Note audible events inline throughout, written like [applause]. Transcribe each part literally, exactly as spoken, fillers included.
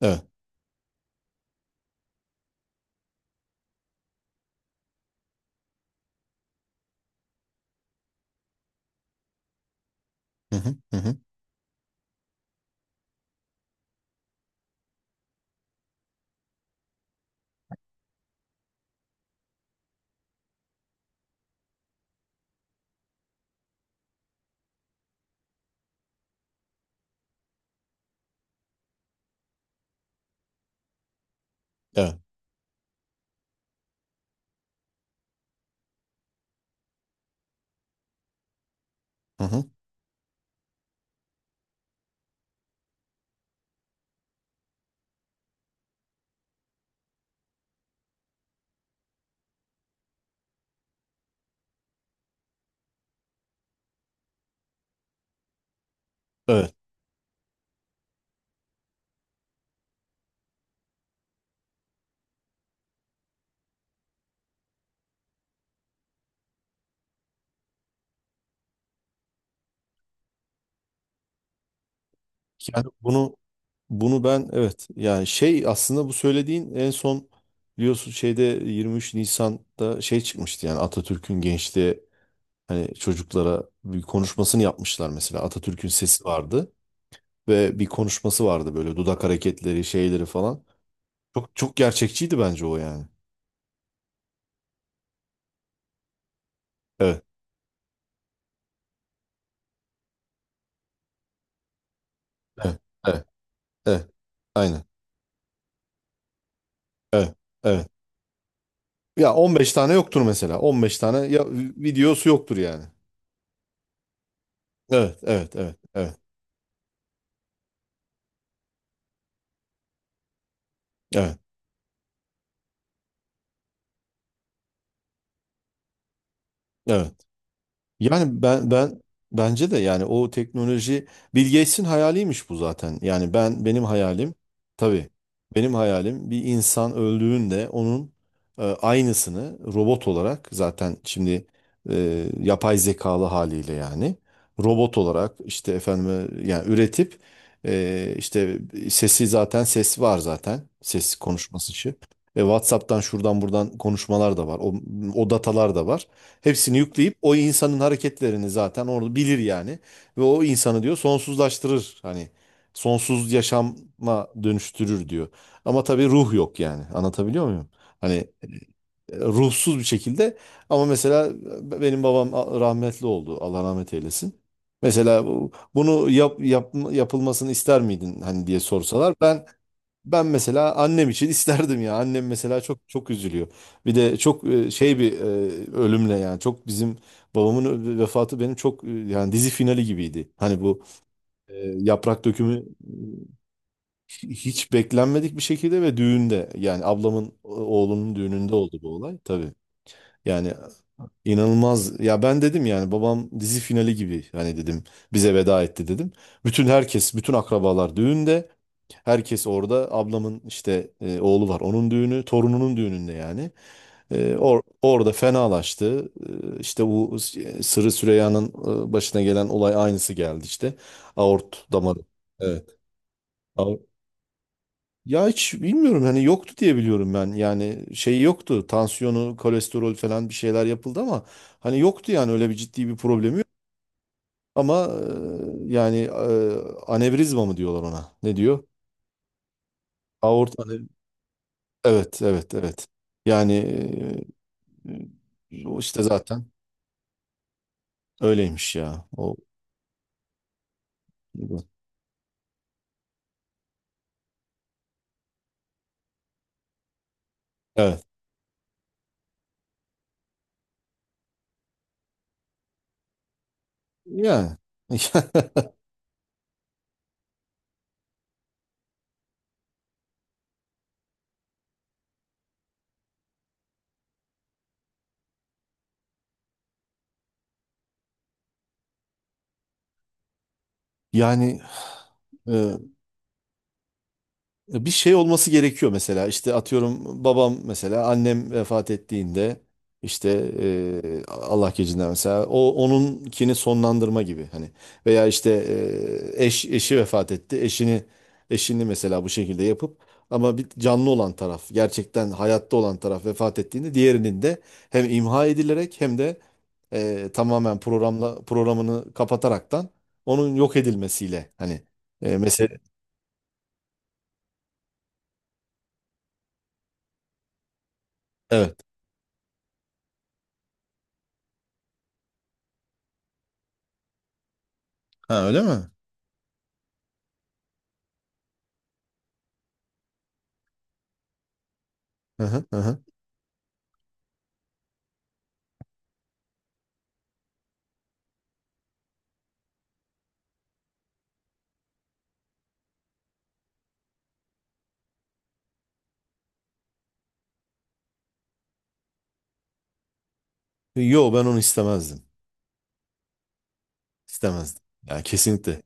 Evet. Hı hı, hı hı, evet. Hı hı, evet. Yani bunu bunu ben evet yani şey aslında bu söylediğin en son biliyorsun şeyde yirmi üç Nisan'da şey çıkmıştı yani Atatürk'ün gençliğe hani çocuklara bir konuşmasını yapmışlar mesela Atatürk'ün sesi vardı ve bir konuşması vardı böyle dudak hareketleri şeyleri falan. Çok çok gerçekçiydi bence o yani. Evet. Evet. Evet. Evet. Aynen. Evet. Evet. Ya on beş tane yoktur mesela. on beş tane ya videosu yoktur yani. Evet, evet, evet, evet, evet, evet. Yani ben ben bence de yani o teknoloji Bill Gates'in hayaliymiş bu zaten. Yani ben benim hayalim tabii benim hayalim bir insan öldüğünde onun e, aynısını robot olarak zaten şimdi e, yapay zekalı haliyle yani robot olarak işte efendim yani üretip e, işte sesi zaten ses var zaten ses konuşması için. E, WhatsApp'tan şuradan buradan konuşmalar da var. O, o datalar da var. Hepsini yükleyip o insanın hareketlerini zaten onu bilir yani. Ve o insanı diyor sonsuzlaştırır. Hani sonsuz yaşama dönüştürür diyor. Ama tabii ruh yok yani. Anlatabiliyor muyum? Hani e, ruhsuz bir şekilde. Ama mesela benim babam rahmetli oldu. Allah rahmet eylesin. Mesela bu- bunu yap, yap- yapılmasını ister miydin hani diye sorsalar ben ben mesela annem için [laughs] isterdim ya. Annem mesela çok çok üzülüyor. Bir de çok e, şey bir e, ölümle yani çok bizim babamın ö- vefatı benim çok e, yani dizi finali gibiydi. Hani bu e, yaprak dökümü e, hiç beklenmedik bir şekilde ve düğünde yani ablamın o- oğlunun düğününde oldu bu olay tabii. Yani, İnanılmaz. Ya ben dedim yani babam dizi finali gibi hani dedim bize veda etti dedim. Bütün herkes, bütün akrabalar düğünde. Herkes orada. Ablamın işte e, oğlu var. Onun düğünü, torununun düğününde yani. E, or- orada fenalaştı. E, işte bu s- Sırrı Süreyya'nın e, başına gelen olay aynısı geldi işte. Aort damarı. Evet. Ya hiç bilmiyorum hani yoktu diye biliyorum ben. Yani şey yoktu. Tansiyonu, kolesterol falan bir şeyler yapıldı ama hani yoktu yani öyle bir ciddi bir problemi yok. Ama e, yani e, anevrizma mı diyorlar ona? Ne diyor? Aort ane- Evet, evet, evet. Yani e, e, o işte zaten öyleymiş ya. O evet. Yani [laughs] yani e, bir şey olması gerekiyor mesela. İşte atıyorum babam mesela annem vefat ettiğinde işte e, Allah gecinden mesela o onunkini sonlandırma gibi hani veya işte e, eş eşi vefat etti. Eşini eşini mesela bu şekilde yapıp ama bir canlı olan taraf gerçekten hayatta olan taraf vefat ettiğinde diğerinin de hem imha edilerek hem de e, tamamen programla programını kapataraktan onun yok edilmesiyle hani e, mesela evet ha öyle mi? Hı hı, hı hı. Yo, ben onu istemezdim. İstemezdim. Yani kesinlikle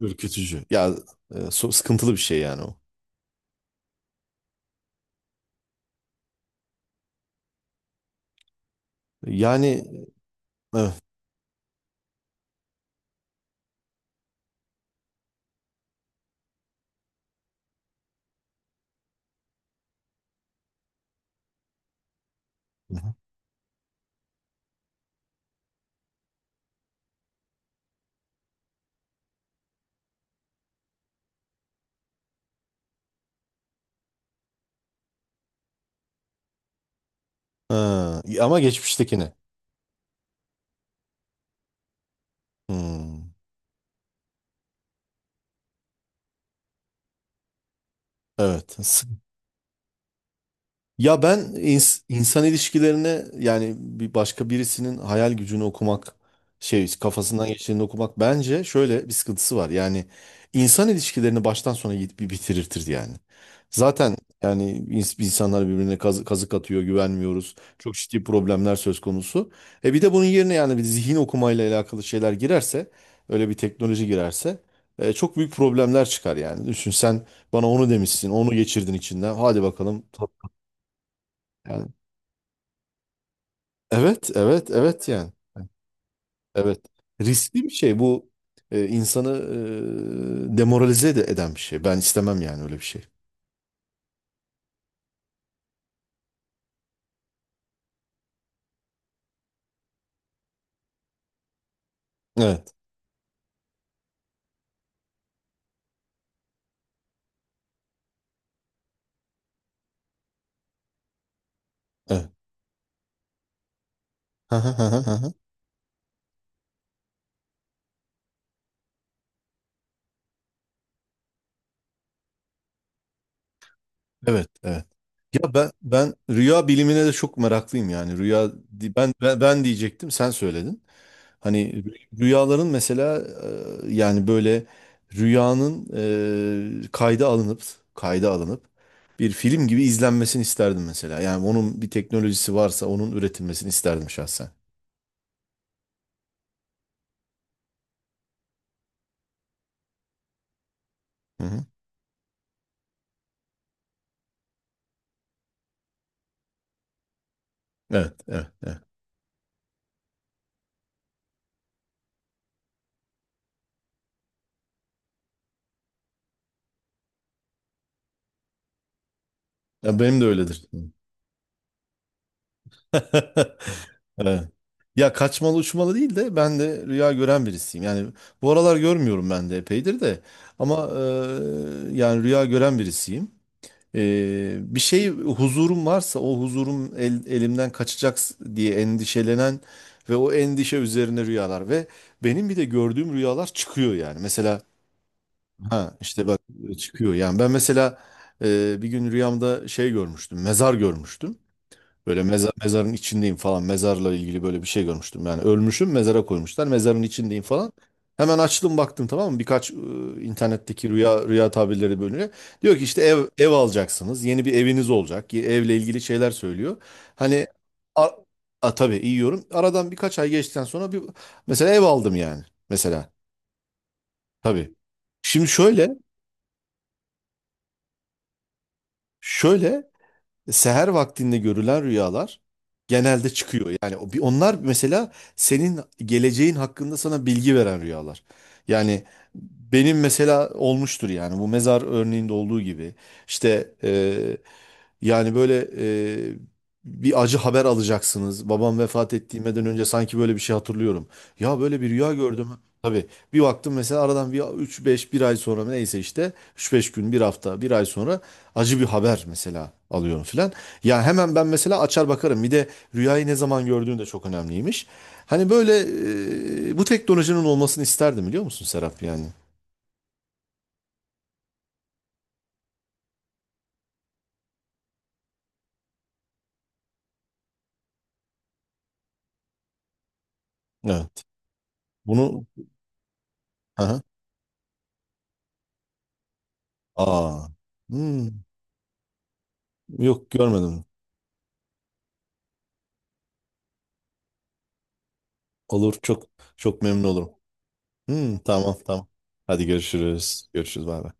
ürkütücü. Ya e, so- sıkıntılı bir şey yani o. Yani, evet. Hı hı. Ha, ama geçmiştekine. Hmm, evet. Ya ben ins- insan ilişkilerine yani bir başka birisinin hayal gücünü okumak şey kafasından geçtiğini okumak bence şöyle bir sıkıntısı var. Yani insan ilişkilerini baştan sona git bir bitirirtir yani. Zaten yani ins- insanlar birbirine kazı- kazık atıyor, güvenmiyoruz. Çok ciddi problemler söz konusu. E bir de bunun yerine yani bir zihin okumayla alakalı şeyler girerse, öyle bir teknoloji girerse e, çok büyük problemler çıkar yani. Düşün sen, bana onu demişsin, onu geçirdin içinden. Hadi bakalım. Yani, evet, evet, evet yani. Evet. Riskli bir şey bu. E, insanı e, demoralize de eden bir şey. Ben istemem yani öyle bir şey. Evet, evet. [laughs] Evet, evet. Ya ben ben rüya bilimine de çok meraklıyım yani. Rüya di- ben ben, ben diyecektim, sen söyledin. Hani rü- rüyaların mesela e, yani böyle rüyanın e, kayda alınıp kayda alınıp bir film gibi izlenmesini isterdim mesela. Yani onun bir teknolojisi varsa onun üretilmesini isterdim şahsen. Hı hı. Evet, evet, evet. Ya benim de öyledir. [laughs] Evet. Ya kaçmalı uçmalı değil de ben de rüya gören birisiyim. Yani bu aralar görmüyorum ben de epeydir de ama e, yani rüya gören birisiyim. E, bir şey huzurum varsa o huzurum el- elimden kaçacak diye endişelenen ve o endişe üzerine rüyalar ve benim bir de gördüğüm rüyalar çıkıyor yani. Mesela ha işte bak çıkıyor yani ben mesela e, bir gün rüyamda şey görmüştüm, mezar görmüştüm. Böyle mezar, mezarın içindeyim falan. Mezarla ilgili böyle bir şey görmüştüm. Yani ölmüşüm, mezara koymuşlar. Mezarın içindeyim falan. Hemen açtım, baktım, tamam mı? Birkaç e, internetteki rüya rüya tabirleri bölümüne. Diyor ki işte ev ev alacaksınız. Yeni bir eviniz olacak. ye- Evle ilgili şeyler söylüyor. Hani a, a, tabii iyi yorum. Aradan birkaç ay geçtikten sonra bir mesela ev aldım yani. Mesela tabii. Şimdi şöyle, şöyle seher vaktinde görülen rüyalar genelde çıkıyor. Yani o- bir- onlar mesela senin geleceğin hakkında sana bilgi veren rüyalar. Yani benim mesela olmuştur yani bu mezar örneğinde olduğu gibi. İşte e, yani böyle e, bir acı haber alacaksınız. Babam vefat ettiğimden önce sanki böyle bir şey hatırlıyorum. Ya böyle bir rüya gördüm. Tabii bir baktım, mesela aradan bir üç beş bir ay sonra neyse işte üç beş gün bir hafta bir ay sonra acı bir haber mesela alıyorum filan. Ya hemen ben mesela açar bakarım. Bir de rüyayı ne zaman gördüğün de çok önemliymiş. Hani böyle e, bu teknolojinin olmasını isterdim biliyor musun Serap yani? Evet. Bunu, aha. Aa. Hmm, yok görmedim. Olur, çok çok memnun olurum. Hmm, tamam tamam. Hadi görüşürüz. Görüşürüz, bay bay.